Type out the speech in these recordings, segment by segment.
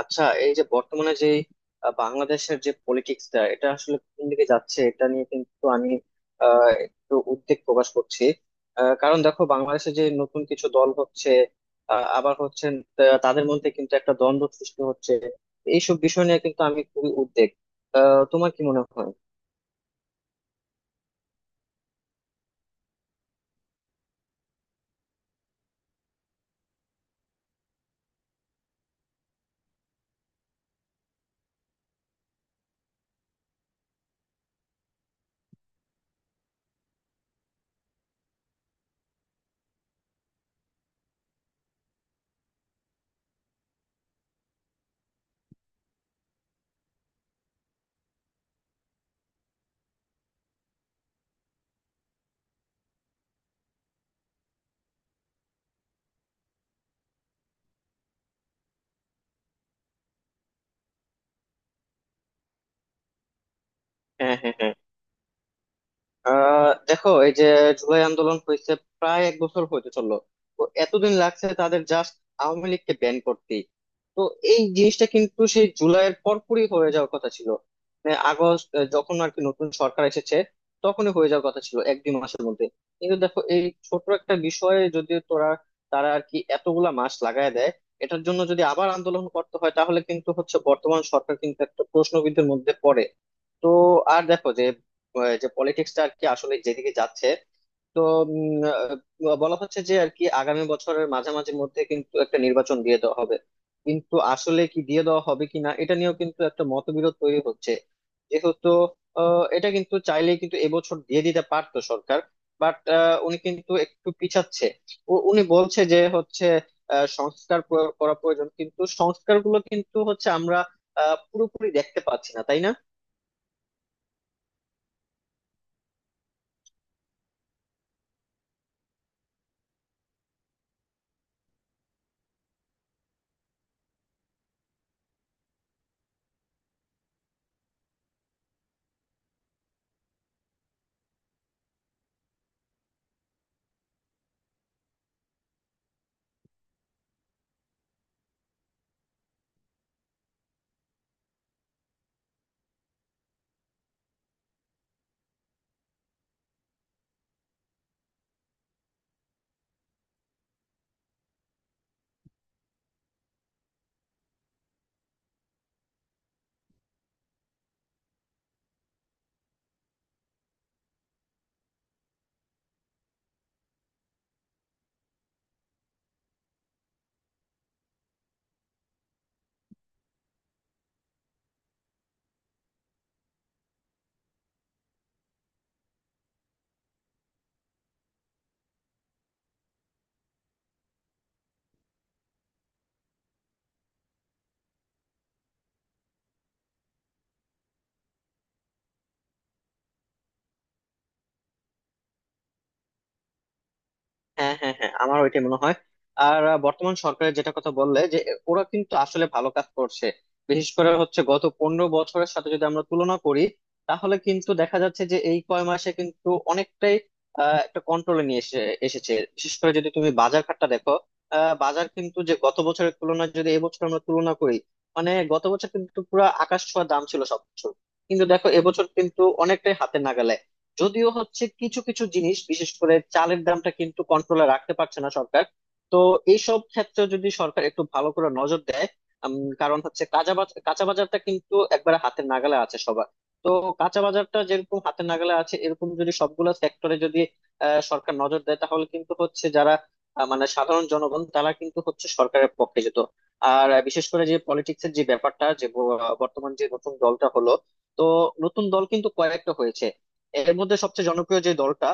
আচ্ছা, এই যে বর্তমানে যে বাংলাদেশের যে পলিটিক্সটা এটা আসলে কোন দিকে যাচ্ছে এটা নিয়ে কিন্তু আমি একটু উদ্বেগ প্রকাশ করছি। কারণ দেখো, বাংলাদেশে যে নতুন কিছু দল হচ্ছে আবার হচ্ছে, তাদের মধ্যে কিন্তু একটা দ্বন্দ্ব সৃষ্টি হচ্ছে। এইসব বিষয় নিয়ে কিন্তু আমি খুবই উদ্বেগ। তোমার কি মনে হয়? হ্যাঁ, হ্যাঁ, হ্যাঁ। দেখো, এই যে জুলাই আন্দোলন হয়েছে, প্রায় এক বছর হতে চললো। তো এতদিন লাগছে তাদের জাস্ট আওয়ামী লীগকে ব্যান করতে। তো এই জিনিসটা কিন্তু সেই জুলাইয়ের পরপরই হয়ে যাওয়ার কথা ছিল, মানে আগস্ট, যখন আর কি নতুন সরকার এসেছে, তখনই হয়ে যাওয়ার কথা ছিল এক দুই মাসের মধ্যে। কিন্তু দেখো, এই ছোট একটা বিষয়ে যদি তোরা তারা আর কি এতগুলা মাস লাগায় দেয়, এটার জন্য যদি আবার আন্দোলন করতে হয়, তাহলে কিন্তু হচ্ছে বর্তমান সরকার কিন্তু একটা প্রশ্নবিদ্ধের মধ্যে পড়ে। তো আর দেখো যে যে পলিটিক্সটা আর কি আসলে যেদিকে যাচ্ছে। তো উম, বলা হচ্ছে যে আর কি আগামী বছরের মাঝামাঝির মধ্যে কিন্তু একটা নির্বাচন দিয়ে দেওয়া হবে। কিন্তু আসলে কি দিয়ে দেওয়া হবে কিনা এটা নিয়েও কিন্তু একটা মতবিরোধ তৈরি হচ্ছে, যেহেতু এটা কিন্তু চাইলেই কিন্তু এবছর দিয়ে দিতে পারতো সরকার। বাট উনি কিন্তু একটু পিছাচ্ছে। উনি বলছে যে হচ্ছে সংস্কার করা প্রয়োজন, কিন্তু সংস্কারগুলো কিন্তু হচ্ছে আমরা পুরোপুরি দেখতে পাচ্ছি না, তাই না? হ্যাঁ, হ্যাঁ, হ্যাঁ, আমার ওইটাই মনে হয়। আর বর্তমান সরকারের যেটা কথা বললে যে ওরা কিন্তু আসলে ভালো কাজ করছে। বিশেষ করে হচ্ছে গত 15 বছরের সাথে যদি আমরা তুলনা করি, তাহলে কিন্তু দেখা যাচ্ছে যে এই কয় মাসে কিন্তু অনেকটাই একটা কন্ট্রোলে নিয়ে এসে এসেছে। বিশেষ করে যদি তুমি বাজার ঘাটটা দেখো, বাজার কিন্তু যে গত বছরের তুলনায় যদি এবছর আমরা তুলনা করি, মানে গত বছর কিন্তু পুরো আকাশ ছোঁয়া দাম ছিল সবকিছু। কিন্তু দেখো এবছর কিন্তু অনেকটাই হাতে নাগালে। যদিও হচ্ছে কিছু কিছু জিনিস, বিশেষ করে চালের দামটা কিন্তু কন্ট্রোলে রাখতে পারছে না সরকার। তো এইসব ক্ষেত্রে যদি সরকার একটু ভালো করে নজর দেয়। উম, কারণ হচ্ছে কাঁচা বাজারটা কিন্তু একবারে হাতের নাগালে আছে সবার। তো কাঁচা বাজারটা যেরকম হাতের নাগালে আছে, এরকম যদি সবগুলো সেক্টরে যদি সরকার নজর দেয়, তাহলে কিন্তু হচ্ছে যারা মানে সাধারণ জনগণ তারা কিন্তু হচ্ছে সরকারের পক্ষে যেত। আর বিশেষ করে যে পলিটিক্সের যে ব্যাপারটা, যে বর্তমান যে নতুন দলটা হলো, তো নতুন দল কিন্তু কয়েকটা হয়েছে। এর মধ্যে সবচেয়ে জনপ্রিয় যে দলটা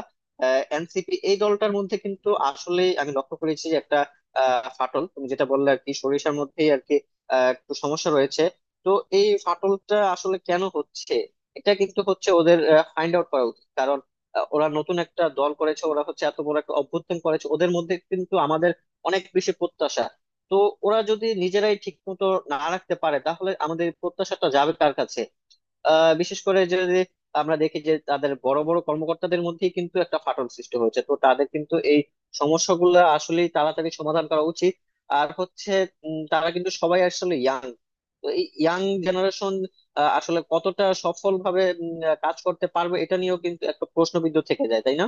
এনসিপি, এই দলটার মধ্যে কিন্তু আসলে আমি লক্ষ্য করেছি যে একটা ফাটল, তুমি যেটা বললে আর কি সরিষার মধ্যেই আর কি, একটু সমস্যা রয়েছে। তো এই ফাটলটা আসলে কেন হচ্ছে, এটা কিন্তু হচ্ছে ওদের ফাইন্ড আউট করা উচিত। কারণ ওরা নতুন একটা দল করেছে, ওরা হচ্ছে এত বড় একটা অভ্যুত্থান করেছে, ওদের মধ্যে কিন্তু আমাদের অনেক বেশি প্রত্যাশা। তো ওরা যদি নিজেরাই ঠিক মতো না রাখতে পারে, তাহলে আমাদের প্রত্যাশাটা যাবে কার কাছে? বিশেষ করে যদি আমরা দেখি যে তাদের বড় বড় কর্মকর্তাদের মধ্যেই কিন্তু একটা ফাটল সৃষ্টি হয়েছে, তো তাদের কিন্তু এই সমস্যাগুলো আসলেই তাড়াতাড়ি সমাধান করা উচিত। আর হচ্ছে তারা কিন্তু সবাই আসলে ইয়াং। তো এই ইয়াং জেনারেশন আসলে কতটা সফলভাবে কাজ করতে পারবে, এটা নিয়েও কিন্তু একটা প্রশ্নবিদ্ধ থেকে যায়, তাই না?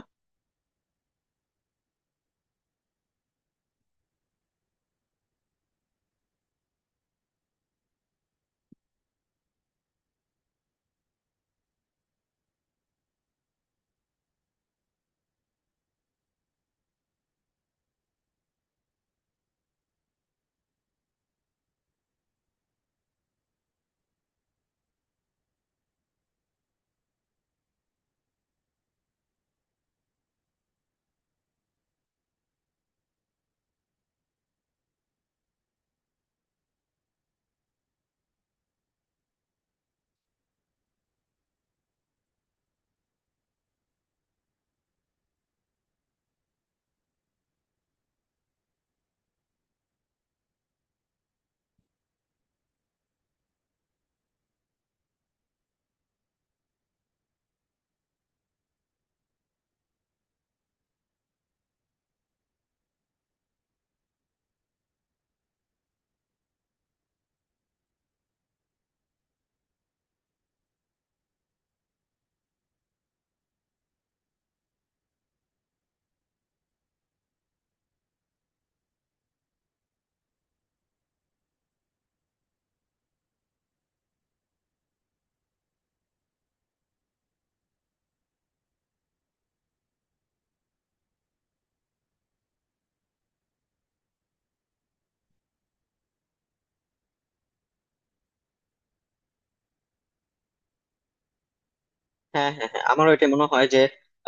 হ্যাঁ, হ্যাঁ, হ্যাঁ, আমারও এটা মনে হয় যে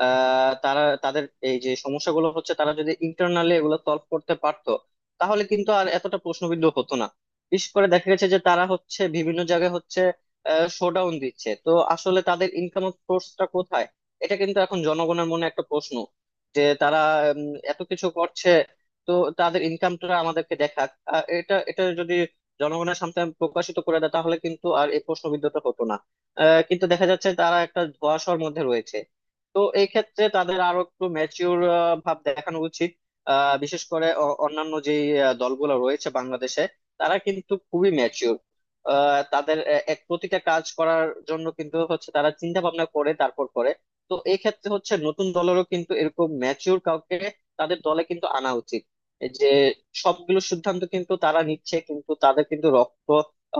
তারা তাদের এই যে সমস্যাগুলো হচ্ছে, তারা যদি ইন্টারনালি এগুলো সলভ করতে পারতো, তাহলে কিন্তু আর এতটা প্রশ্নবিদ্ধ হতো না। বিশেষ করে দেখা গেছে যে তারা হচ্ছে বিভিন্ন জায়গায় হচ্ছে শোডাউন দিচ্ছে, তো আসলে তাদের ইনকাম সোর্সটা কোথায়? এটা কিন্তু এখন জনগণের মনে একটা প্রশ্ন যে তারা এত কিছু করছে। তো তাদের ইনকামটা আমাদেরকে দেখাক, এটা এটা যদি জনগণের সামনে প্রকাশিত করে দেয়, তাহলে কিন্তু আর এই প্রশ্নবিদ্ধতা হতো না। কিন্তু দেখা যাচ্ছে তারা একটা ধোঁয়াশার মধ্যে রয়েছে। তো এই ক্ষেত্রে তাদের আরো একটু ম্যাচিউর ভাব দেখানো উচিত। বিশেষ করে অন্যান্য যে দলগুলো রয়েছে বাংলাদেশে, তারা কিন্তু খুবই ম্যাচিউর। তাদের প্রতিটা কাজ করার জন্য কিন্তু হচ্ছে তারা চিন্তা ভাবনা করে তারপর করে। তো এই ক্ষেত্রে হচ্ছে নতুন দলেরও কিন্তু এরকম ম্যাচিউর কাউকে তাদের দলে কিন্তু আনা উচিত। এই যে সবগুলো সিদ্ধান্ত কিন্তু তারা নিচ্ছে, কিন্তু তাদের কিন্তু রক্ত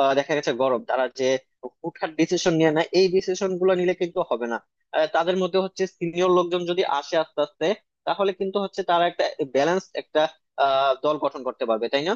দেখা গেছে গরম, তারা যে হুটহাট ডিসিশন নিয়ে না, এই ডিসিশন গুলো নিলে কিন্তু হবে না। তাদের মধ্যে হচ্ছে সিনিয়র লোকজন যদি আসে আস্তে আস্তে, তাহলে কিন্তু হচ্ছে তারা একটা ব্যালেন্স একটা দল গঠন করতে পারবে, তাই না?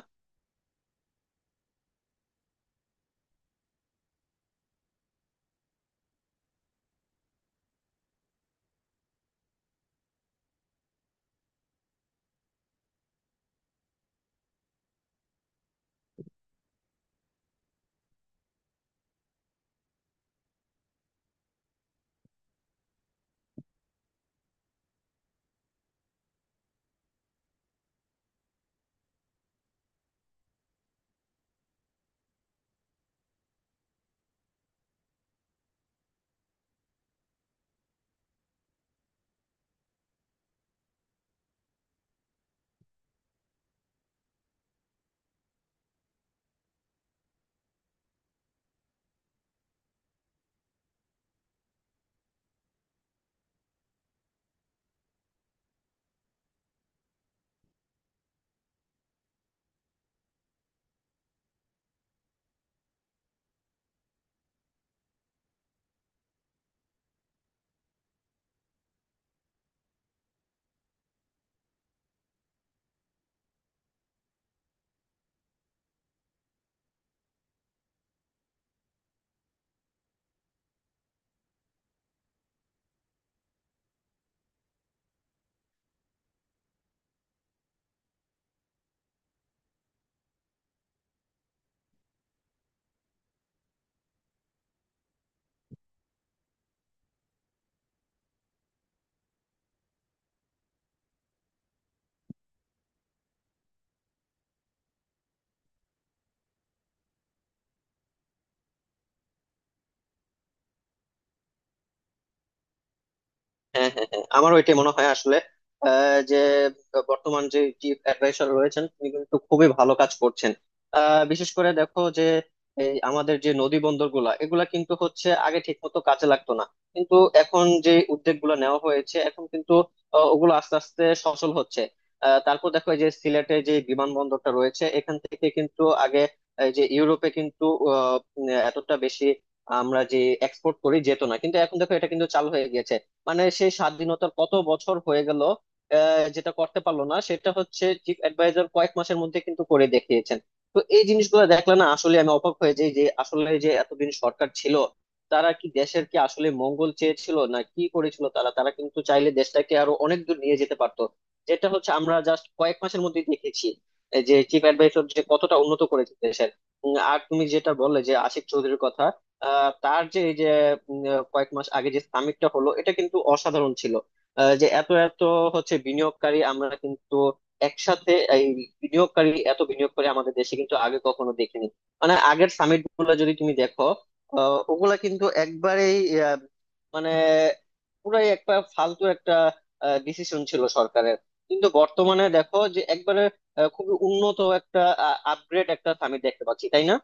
হ্যাঁ, হ্যাঁ, হ্যাঁ, আমারও এটাই মনে হয় আসলে। যে বর্তমান যে চিফ অ্যাডভাইসার রয়েছেন, তিনি কিন্তু খুবই ভালো কাজ করছেন। বিশেষ করে দেখো যে এই আমাদের যে নদী বন্দর গুলা এগুলা কিন্তু হচ্ছে আগে ঠিক মতো কাজে লাগতো না। কিন্তু এখন যে উদ্যোগ গুলো নেওয়া হয়েছে এখন কিন্তু ওগুলো আস্তে আস্তে সচল হচ্ছে। তারপর দেখো, এই যে সিলেটে যে বিমানবন্দরটা রয়েছে এখান থেকে কিন্তু আগে, এই যে ইউরোপে কিন্তু এতটা বেশি আমরা যে এক্সপোর্ট করি যেত না, কিন্তু এখন দেখো এটা কিন্তু চালু হয়ে গেছে। মানে সেই স্বাধীনতার কত বছর হয়ে গেল, যেটা করতে পারলো না সেটা হচ্ছে চিফ অ্যাডভাইজার কয়েক মাসের মধ্যে কিন্তু করে দেখিয়েছেন। তো এই জিনিসগুলো দেখলে না আসলে আমি অবাক হয়ে যাই যে আসলে যে এতদিন সরকার ছিল, তারা কি দেশের কি আসলে মঙ্গল চেয়েছিল না কি করেছিল, তারা তারা কিন্তু চাইলে দেশটাকে আরো অনেক দূর নিয়ে যেতে পারতো, যেটা হচ্ছে আমরা জাস্ট কয়েক মাসের মধ্যে দেখেছি, এই যে চিফ অ্যাডভাইজার যে কতটা উন্নত করেছে দেশের। আর তুমি যেটা বললে যে আশিক চৌধুরীর কথা, তার যে এই যে কয়েক মাস আগে যে সামিটটা হলো এটা কিন্তু অসাধারণ ছিল। যে এত এত হচ্ছে বিনিয়োগকারী আমরা কিন্তু একসাথে এই বিনিয়োগকারী, এত বিনিয়োগকারী আমাদের দেশে কিন্তু আগে কখনো দেখিনি। মানে আগের সামিট গুলো যদি তুমি দেখো, ওগুলা কিন্তু একবারেই আহ, মানে পুরাই একটা ফালতু একটা ডিসিশন ছিল সরকারের। কিন্তু বর্তমানে দেখো যে একবারে খুবই উন্নত একটা আপগ্রেড একটা সামিট দেখতে পাচ্ছি, তাই না?